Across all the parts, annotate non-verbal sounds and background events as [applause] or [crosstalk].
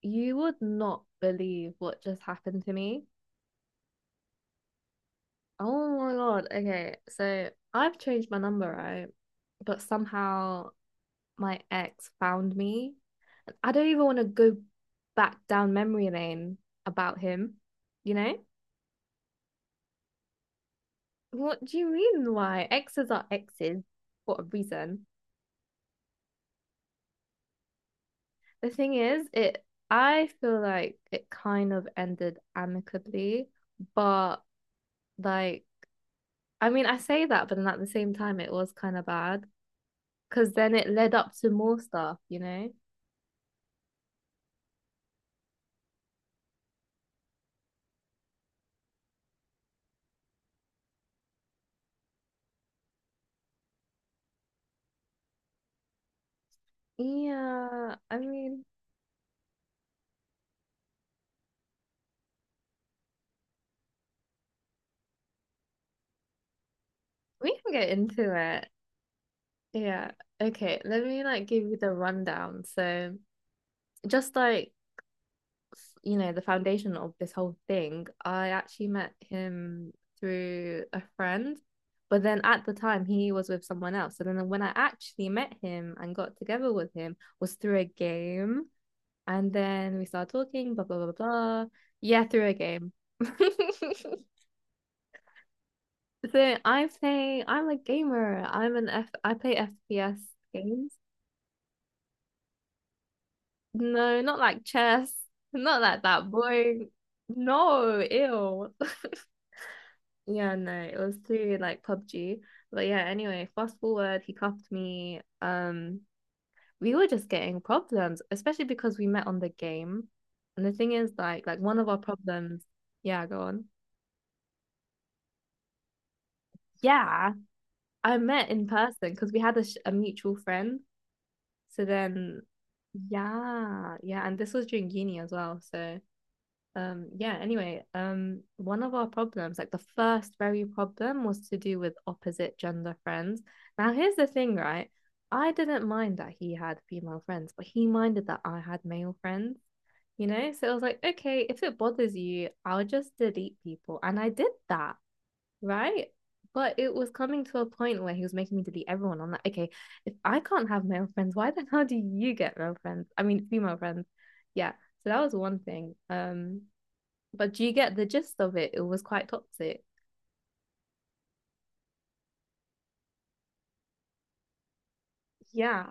You would not believe what just happened to me. Oh my God. Okay. So I've changed my number, right? But somehow my ex found me. I don't even want to go back down memory lane about him, you know? What do you mean why? Exes are exes for a reason. The thing is, it I feel like it kind of ended amicably, but like I say that, but then at the same time, it was kind of bad because then it led up to more stuff, you know? Yeah, I mean, we can get into it. Yeah. Okay, let me give you the rundown. So, just like, f- you know, the foundation of this whole thing, I actually met him through a friend, but then at the time he was with someone else. So then when I actually met him and got together with him was through a game, and then we started talking, blah blah blah blah. Yeah, through a game. [laughs] I'm a gamer. I play FPS games. No, not like chess, [laughs] not like that boring. No, ew. [laughs] Yeah, no, it was through like PUBG. But yeah, anyway, fast forward, he cuffed me. We were just getting problems, especially because we met on the game. And the thing is, one of our problems, yeah, go on. Yeah, I met in person because we had a, sh a mutual friend. So then, yeah, yeah, and this was during uni as well. So, yeah, anyway, one of our problems, like the first very problem, was to do with opposite gender friends. Now, here's the thing, right? I didn't mind that he had female friends, but he minded that I had male friends, you know? So it was like, okay, if it bothers you, I'll just delete people. And I did that, right? But it was coming to a point where he was making me delete everyone. I'm like, okay, if I can't have male friends, why the hell do you get male friends? I mean, female friends. Yeah. So that was one thing. But do you get the gist of it? It was quite toxic. Yeah.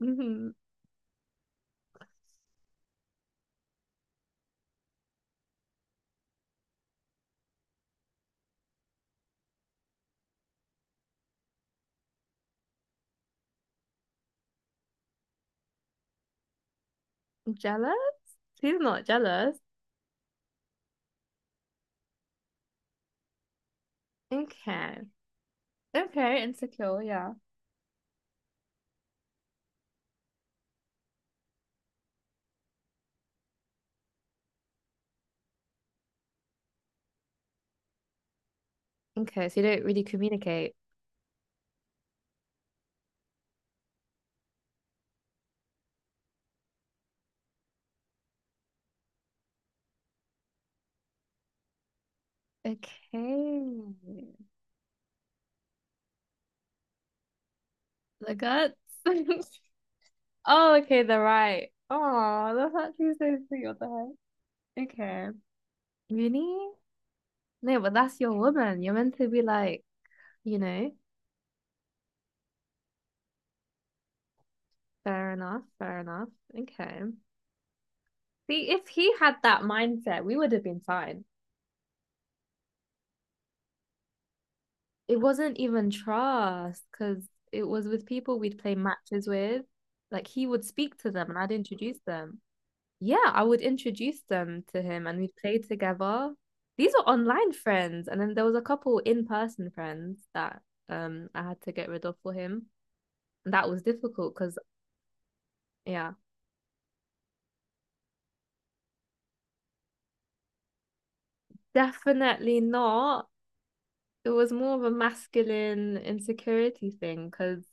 Hmm. Jealous? He's not jealous. Okay. Okay, insecure, yeah. Okay, so you don't really communicate. Okay. The guts. [laughs] Oh, okay, the right. Oh, that's actually so sweet. What the heck? Okay. Really? No, but that's your woman. You're meant to be like, you know, fair enough, fair enough. Okay. See, if he had that mindset, we would have been fine. It wasn't even trust because it was with people we'd play matches with. Like he would speak to them and I'd introduce them. Yeah, I would introduce them to him and we'd play together. These were online friends, and then there was a couple in-person friends that I had to get rid of for him. And that was difficult because yeah, definitely not. It was more of a masculine insecurity thing because,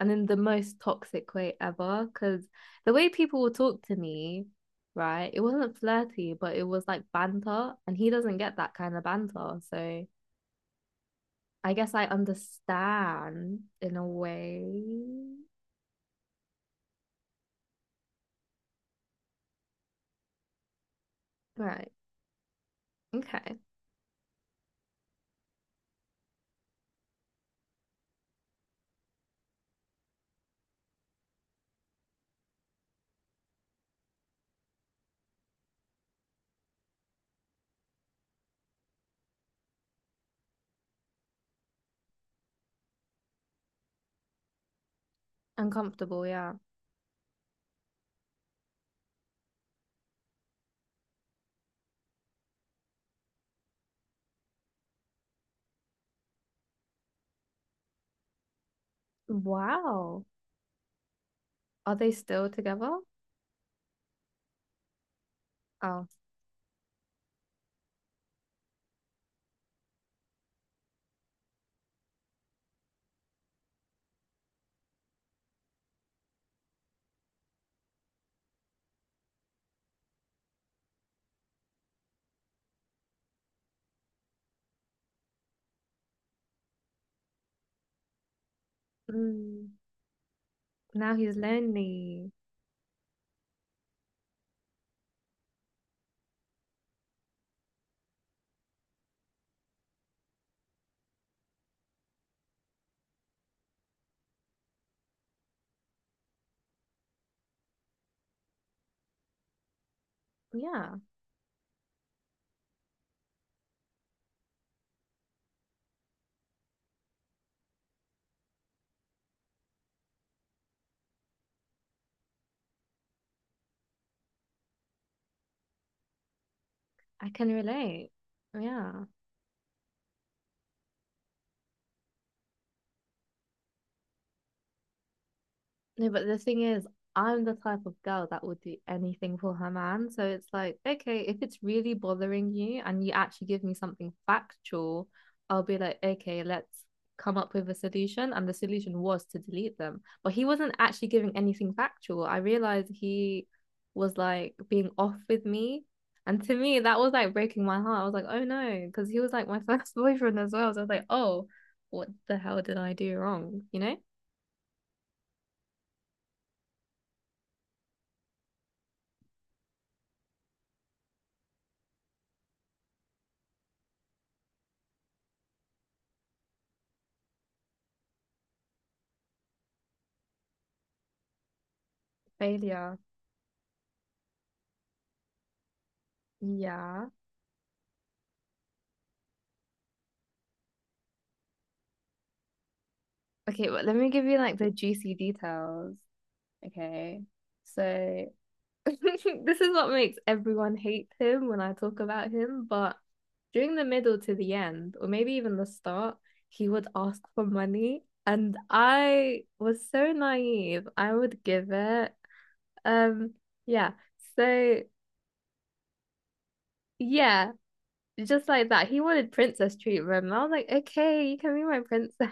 and in the most toxic way ever, because the way people would talk to me, right, it wasn't flirty, but it was like banter, and he doesn't get that kind of banter. So I guess I understand in a way. Right. Okay. Uncomfortable. Yeah. Wow. Are they still together? Oh, mm. Now he's lonely. Yeah. I can relate. Yeah. No, but the thing is, I'm the type of girl that would do anything for her man. So it's like, okay, if it's really bothering you and you actually give me something factual, I'll be like, okay, let's come up with a solution. And the solution was to delete them. But he wasn't actually giving anything factual. I realized he was like being off with me. And to me, that was like breaking my heart. I was like, oh no, because he was like my [laughs] first boyfriend as well. So I was like, oh, what the hell did I do wrong? You know? Failure. Yeah. Okay, but let me give you the juicy details. Okay. So [laughs] this is what makes everyone hate him when I talk about him, but during the middle to the end, or maybe even the start, he would ask for money and I was so naive. I would give it. Um, yeah. So yeah, just like that. He wanted princess treatment. And I was like, okay, you can be my princess.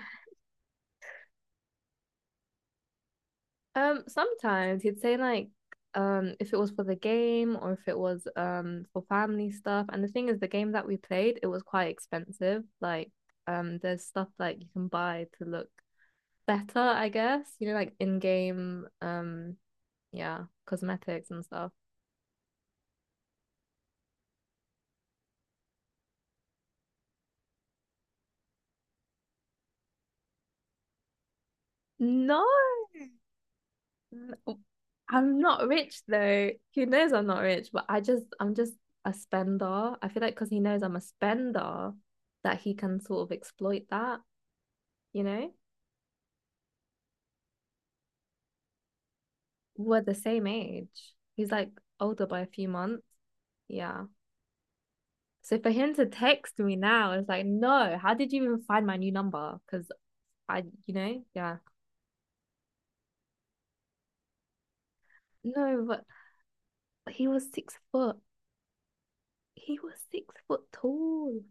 Sometimes he'd say like if it was for the game or if it was for family stuff. And the thing is the game that we played, it was quite expensive. Like there's stuff like you can buy to look better, I guess. You know, like in-game, yeah, cosmetics and stuff. No, I'm not rich though. He knows I'm not rich, but I'm just a spender. I feel like because he knows I'm a spender that he can sort of exploit that, you know? We're the same age. He's like older by a few months. Yeah. So for him to text me now, it's like, no, how did you even find my new number? Because I, you know, yeah. No, but he was 6 foot. He was 6 foot tall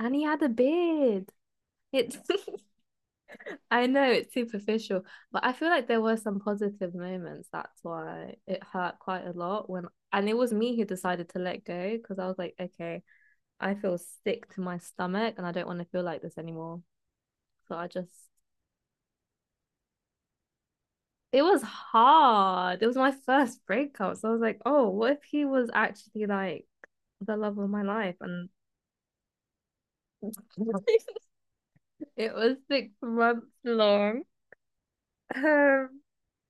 and he had a beard. It's, [laughs] I know it's superficial, but I feel like there were some positive moments. That's why it hurt quite a lot when, and it was me who decided to let go because I was like, okay, I feel sick to my stomach and I don't want to feel like this anymore. So I just, it was hard. It was my first breakup. So I was like, oh, what if he was actually like the love of my life? And [laughs] it was 6 months long. Um,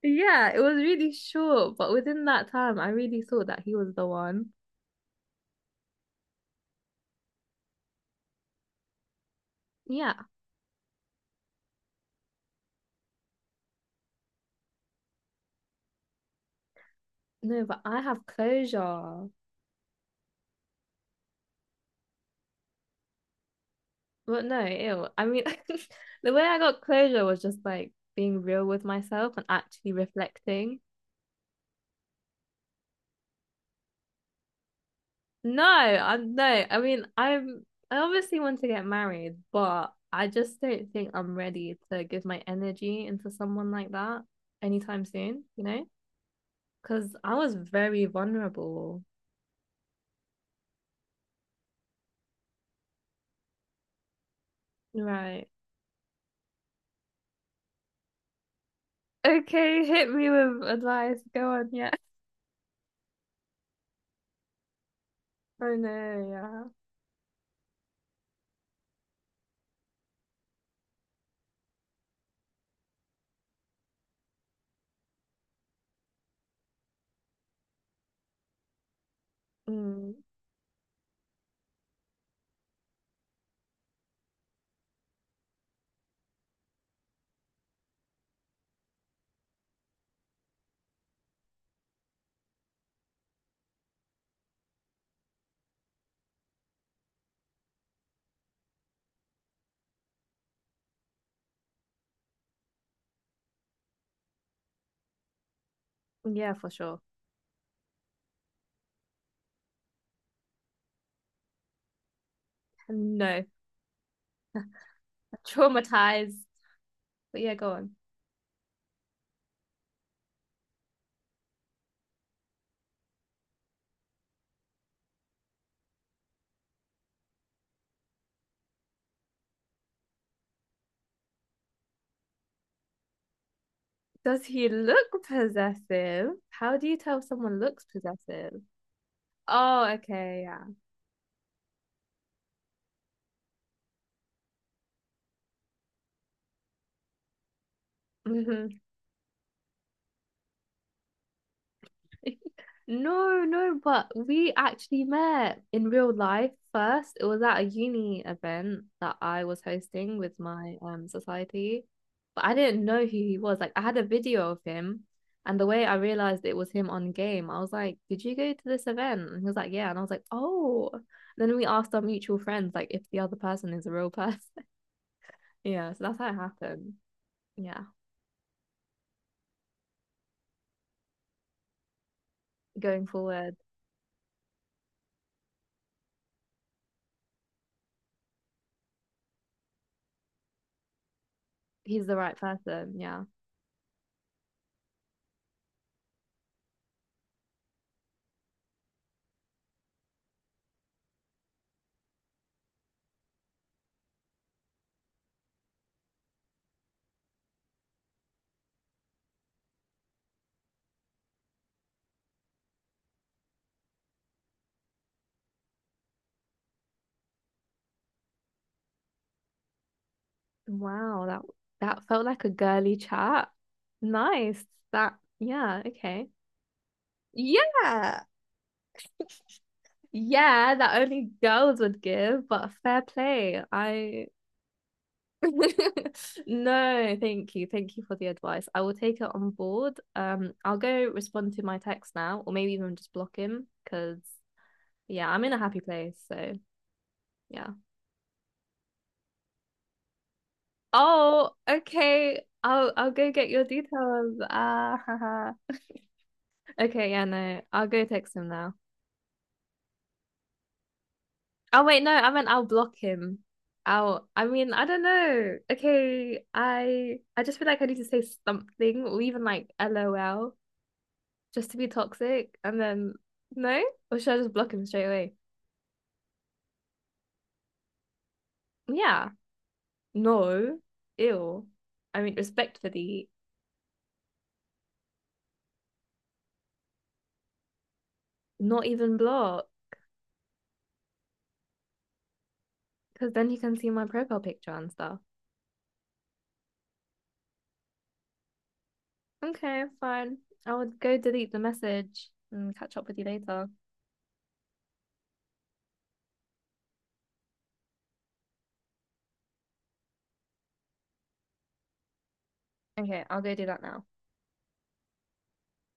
yeah, it was really short, but within that time, I really thought that he was the one. Yeah, no, but I have closure. But no, ew. I mean, [laughs] the way I got closure was just like being real with myself and actually reflecting. No. I mean, I obviously want to get married, but I just don't think I'm ready to give my energy into someone like that anytime soon, you know? Because I was very vulnerable. Right. Okay, [laughs] hit me with advice. Go on, yeah. [laughs] Oh no, yeah. Mm, yeah, for sure. No, traumatized. But yeah, go on. Does he look possessive? How do you tell if someone looks possessive? Oh, okay, yeah. Hmm. [laughs] No, no, but we actually met in real life first. It was at a uni event that I was hosting with my society, but I didn't know who he was. Like I had a video of him, and the way I realized it was him on game, I was like, "Did you go to this event?" And he was like, "Yeah," and I was like, "Oh." Then we asked our mutual friends like if the other person is a real [laughs] person. Yeah, so that's how it happened. Yeah. Going forward, he's the right person. Yeah. Wow, that that felt like a girly chat. Nice. That yeah, okay. Yeah. Yeah, that only girls would give, but fair play. I [laughs] no, thank you. Thank you for the advice. I will take it on board. I'll go respond to my text now, or maybe even just block him because yeah, I'm in a happy place. So yeah. Oh, okay. I'll go get your details. Ah, [laughs] haha. Okay, yeah, no. I'll go text him now. Oh wait, no, I meant I'll block him. I mean, I don't know. Okay, I just feel like I need to say something or even like LOL just to be toxic and then no? Or should I just block him straight away? Yeah. No. Ew. I mean, respectfully, not even block because then he can see my profile picture and stuff. Okay, fine. I would go delete the message and catch up with you later. Okay, I'll go do that now.